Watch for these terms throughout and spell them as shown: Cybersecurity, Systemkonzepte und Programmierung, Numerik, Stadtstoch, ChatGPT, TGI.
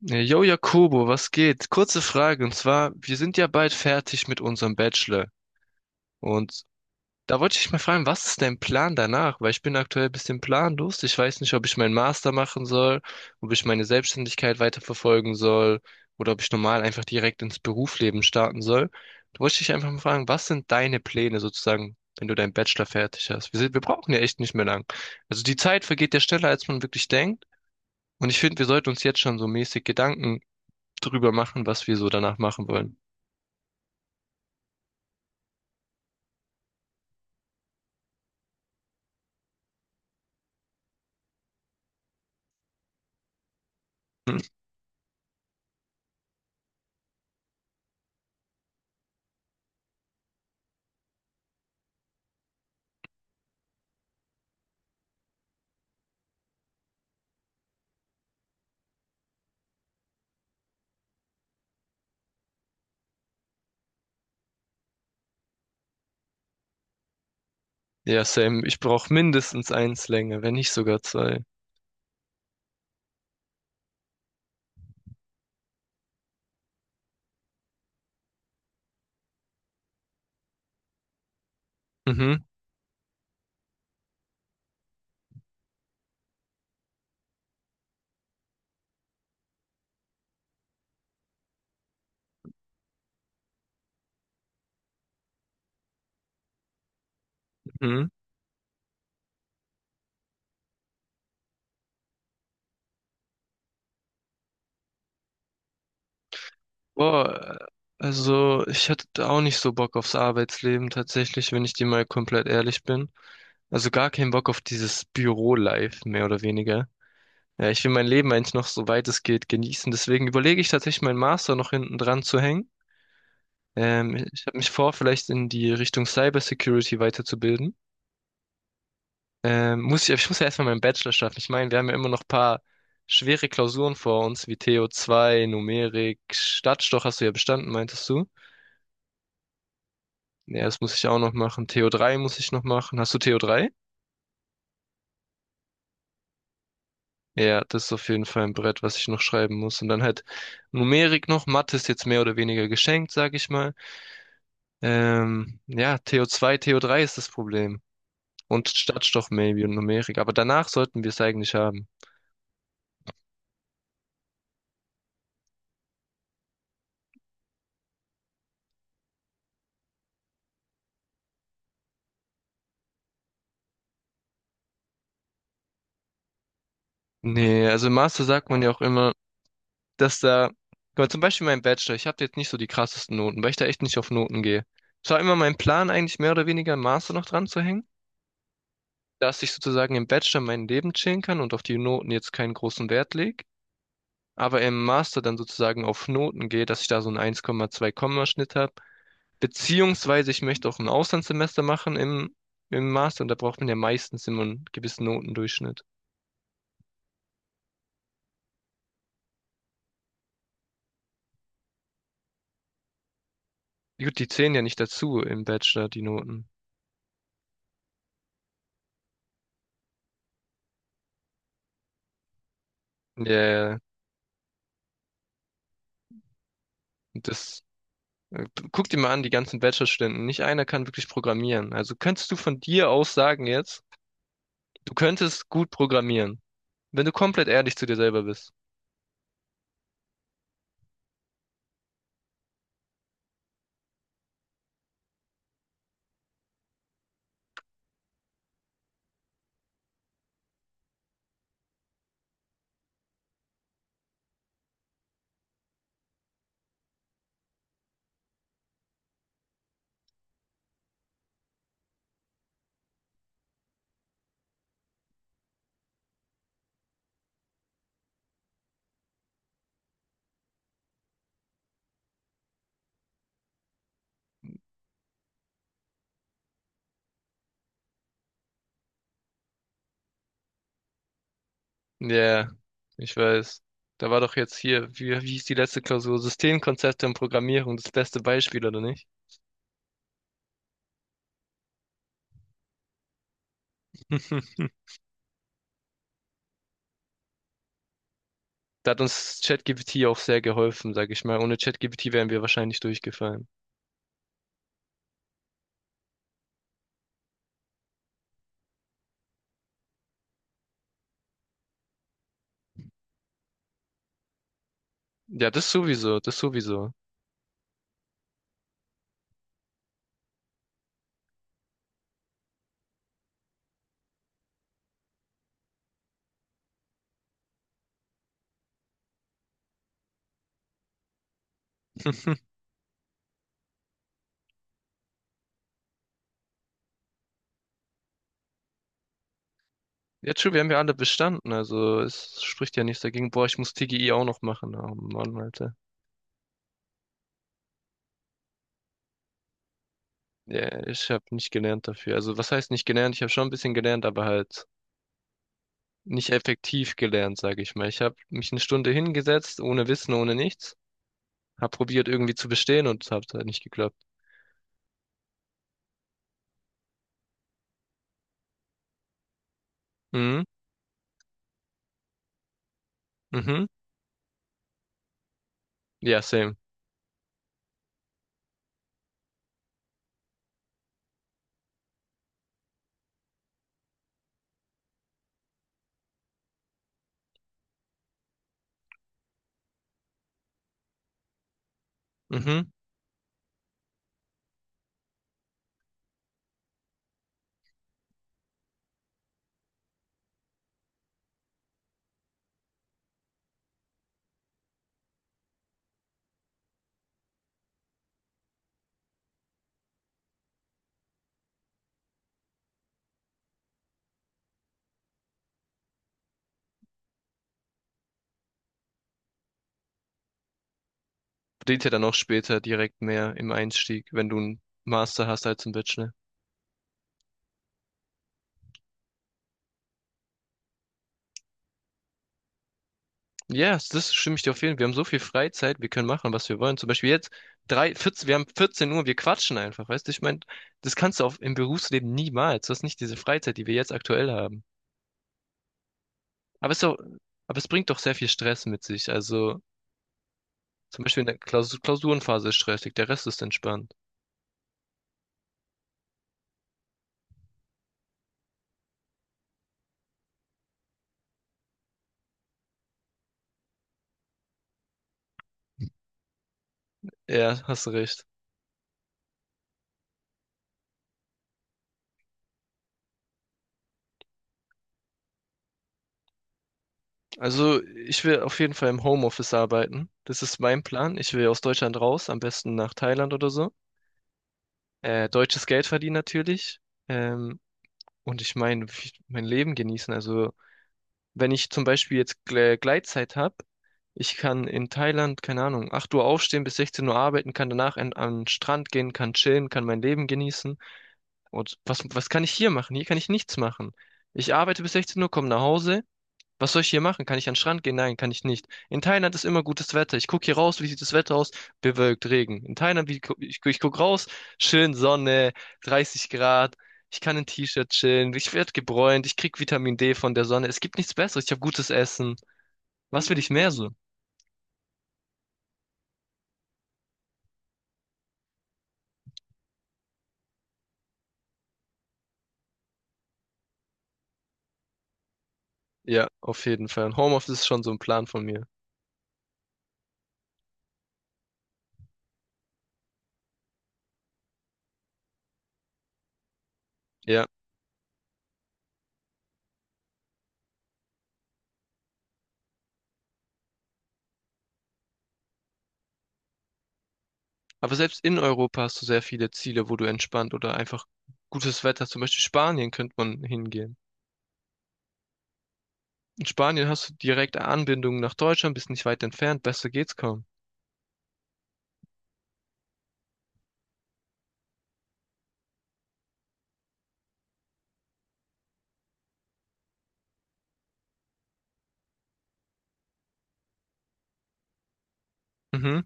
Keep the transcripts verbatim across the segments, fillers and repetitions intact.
Jo, Jakobo, was geht? Kurze Frage, und zwar, wir sind ja bald fertig mit unserem Bachelor. Und da wollte ich dich mal fragen, was ist dein Plan danach? Weil ich bin aktuell ein bisschen planlos. Ich weiß nicht, ob ich meinen Master machen soll, ob ich meine Selbstständigkeit weiterverfolgen soll oder ob ich normal einfach direkt ins Berufsleben starten soll. Da wollte ich dich einfach mal fragen, was sind deine Pläne sozusagen, wenn du deinen Bachelor fertig hast? Wir sind, wir brauchen ja echt nicht mehr lang. Also die Zeit vergeht ja schneller, als man wirklich denkt. Und ich finde, wir sollten uns jetzt schon so mäßig Gedanken drüber machen, was wir so danach machen wollen. Hm. Ja, Sam, ich brauche mindestens eins länger, wenn nicht sogar zwei. Mhm, mhm. Boah, äh, also ich hatte da auch nicht so Bock aufs Arbeitsleben tatsächlich, wenn ich dir mal komplett ehrlich bin. Also gar keinen Bock auf dieses Büro-Life, mehr oder weniger. Ja, ich will mein Leben eigentlich noch so weit es geht genießen. Deswegen überlege ich tatsächlich, meinen Master noch hinten dran zu hängen. Ähm, ich habe mich vor, vielleicht in die Richtung Cybersecurity weiterzubilden. Ähm, muss ich, ich muss ja erstmal meinen Bachelor schaffen. Ich meine, wir haben ja immer noch ein paar schwere Klausuren vor uns, wie to zwei Numerik, Stadtstoch hast du ja bestanden, meintest du? Ja, das muss ich auch noch machen. To drei muss ich noch machen. Hast du to drei? Ja, das ist auf jeden Fall ein Brett, was ich noch schreiben muss. Und dann halt Numerik noch. Mathe ist jetzt mehr oder weniger geschenkt, sag ich mal. Ähm, ja, T O zwei, to drei ist das Problem. Und Stadtstoch maybe und Numerik. Aber danach sollten wir es eigentlich haben. Nee, also im Master sagt man ja auch immer, dass da, guck mal, zum Beispiel mein Bachelor, ich habe jetzt nicht so die krassesten Noten, weil ich da echt nicht auf Noten gehe. Es war immer mein Plan, eigentlich mehr oder weniger einen Master noch dran zu hängen, dass ich sozusagen im Bachelor mein Leben chillen kann und auf die Noten jetzt keinen großen Wert lege, aber im Master dann sozusagen auf Noten gehe, dass ich da so einen eins Komma zwei Komma Schnitt habe. Beziehungsweise ich möchte auch ein Auslandssemester machen im, im Master und da braucht man ja meistens immer einen gewissen Notendurchschnitt. Gut, die zählen ja nicht dazu im Bachelor, die Noten. Ja, yeah, das. Äh, Guck dir mal an, die ganzen Bachelorstudenten. Nicht einer kann wirklich programmieren. Also könntest du von dir aus sagen jetzt, du könntest gut programmieren, wenn du komplett ehrlich zu dir selber bist. Ja, yeah, ich weiß. Da war doch jetzt hier, wie, wie hieß die letzte Klausur? Systemkonzepte und Programmierung, das beste Beispiel, oder nicht? Da hat uns ChatGPT auch sehr geholfen, sag ich mal. Ohne ChatGPT wären wir wahrscheinlich durchgefallen. Ja, das sowieso, das sowieso. Ja, true, wir haben ja alle bestanden, also es spricht ja nichts dagegen. Boah, ich muss T G I auch noch machen. Oh Mann, Alter. Ja, ich habe nicht gelernt dafür. Also was heißt nicht gelernt? Ich habe schon ein bisschen gelernt, aber halt nicht effektiv gelernt, sage ich mal. Ich habe mich eine Stunde hingesetzt, ohne Wissen, ohne nichts. Hab probiert irgendwie zu bestehen und es hat halt nicht geklappt. Mhm, mhm. Ja, same. Mhm. Bringt ja dann auch später direkt mehr im Einstieg, wenn du einen Master hast als einen Bachelor. Ja, yes, das stimme ich dir auf jeden Fall. Wir haben so viel Freizeit, wir können machen, was wir wollen. Zum Beispiel jetzt drei, vierzehn, wir haben vierzehn Uhr, wir quatschen einfach, weißt du? Ich meine, das kannst du auf, im Berufsleben niemals. Du hast nicht diese Freizeit, die wir jetzt aktuell haben. Aber es, ist auch, aber es bringt doch sehr viel Stress mit sich. Also zum Beispiel in der Klaus Klausurenphase ist stressig, der Rest ist entspannt. Ja, hast du recht. Also ich will auf jeden Fall im Homeoffice arbeiten. Das ist mein Plan. Ich will aus Deutschland raus, am besten nach Thailand oder so. Äh, deutsches Geld verdienen natürlich. Ähm, Und ich meine, ich- mein Leben genießen. Also, wenn ich zum Beispiel jetzt Gle- Gleitzeit habe, ich kann in Thailand, keine Ahnung, acht Uhr aufstehen, bis sechzehn Uhr arbeiten, kann danach an, an den Strand gehen, kann chillen, kann mein Leben genießen. Und was, was kann ich hier machen? Hier kann ich nichts machen. Ich arbeite bis sechzehn Uhr, komme nach Hause, was soll ich hier machen? Kann ich an den Strand gehen? Nein, kann ich nicht. In Thailand ist immer gutes Wetter. Ich gucke hier raus, wie sieht das Wetter aus? Bewölkt, Regen. In Thailand, wie, gu- ich, gu- ich gucke raus, schön Sonne, dreißig Grad. Ich kann in T-Shirt chillen. Ich werde gebräunt. Ich krieg Vitamin D von der Sonne. Es gibt nichts Besseres. Ich habe gutes Essen. Was will ich mehr so? Ja, auf jeden Fall. Und Homeoffice ist schon so ein Plan von mir. Ja. Aber selbst in Europa hast du sehr viele Ziele, wo du entspannt oder einfach gutes Wetter, zum Beispiel Spanien, könnte man hingehen. In Spanien hast du direkte Anbindung nach Deutschland, bist nicht weit entfernt, besser geht's kaum. Mhm.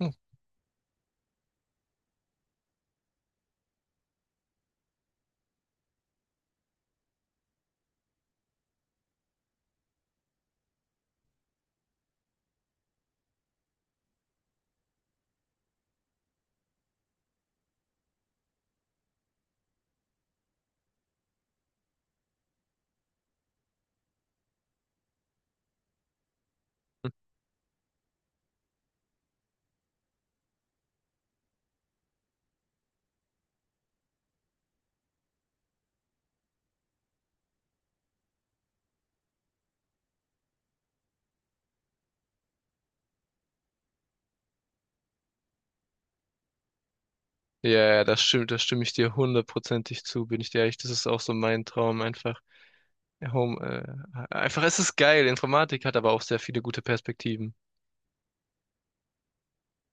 Hm. Ja, ja, das stimmt, das stimme ich dir hundertprozentig zu, bin ich dir ehrlich. Das ist auch so mein Traum, einfach äh, Home, äh, einfach, es ist geil. Informatik hat aber auch sehr viele gute Perspektiven.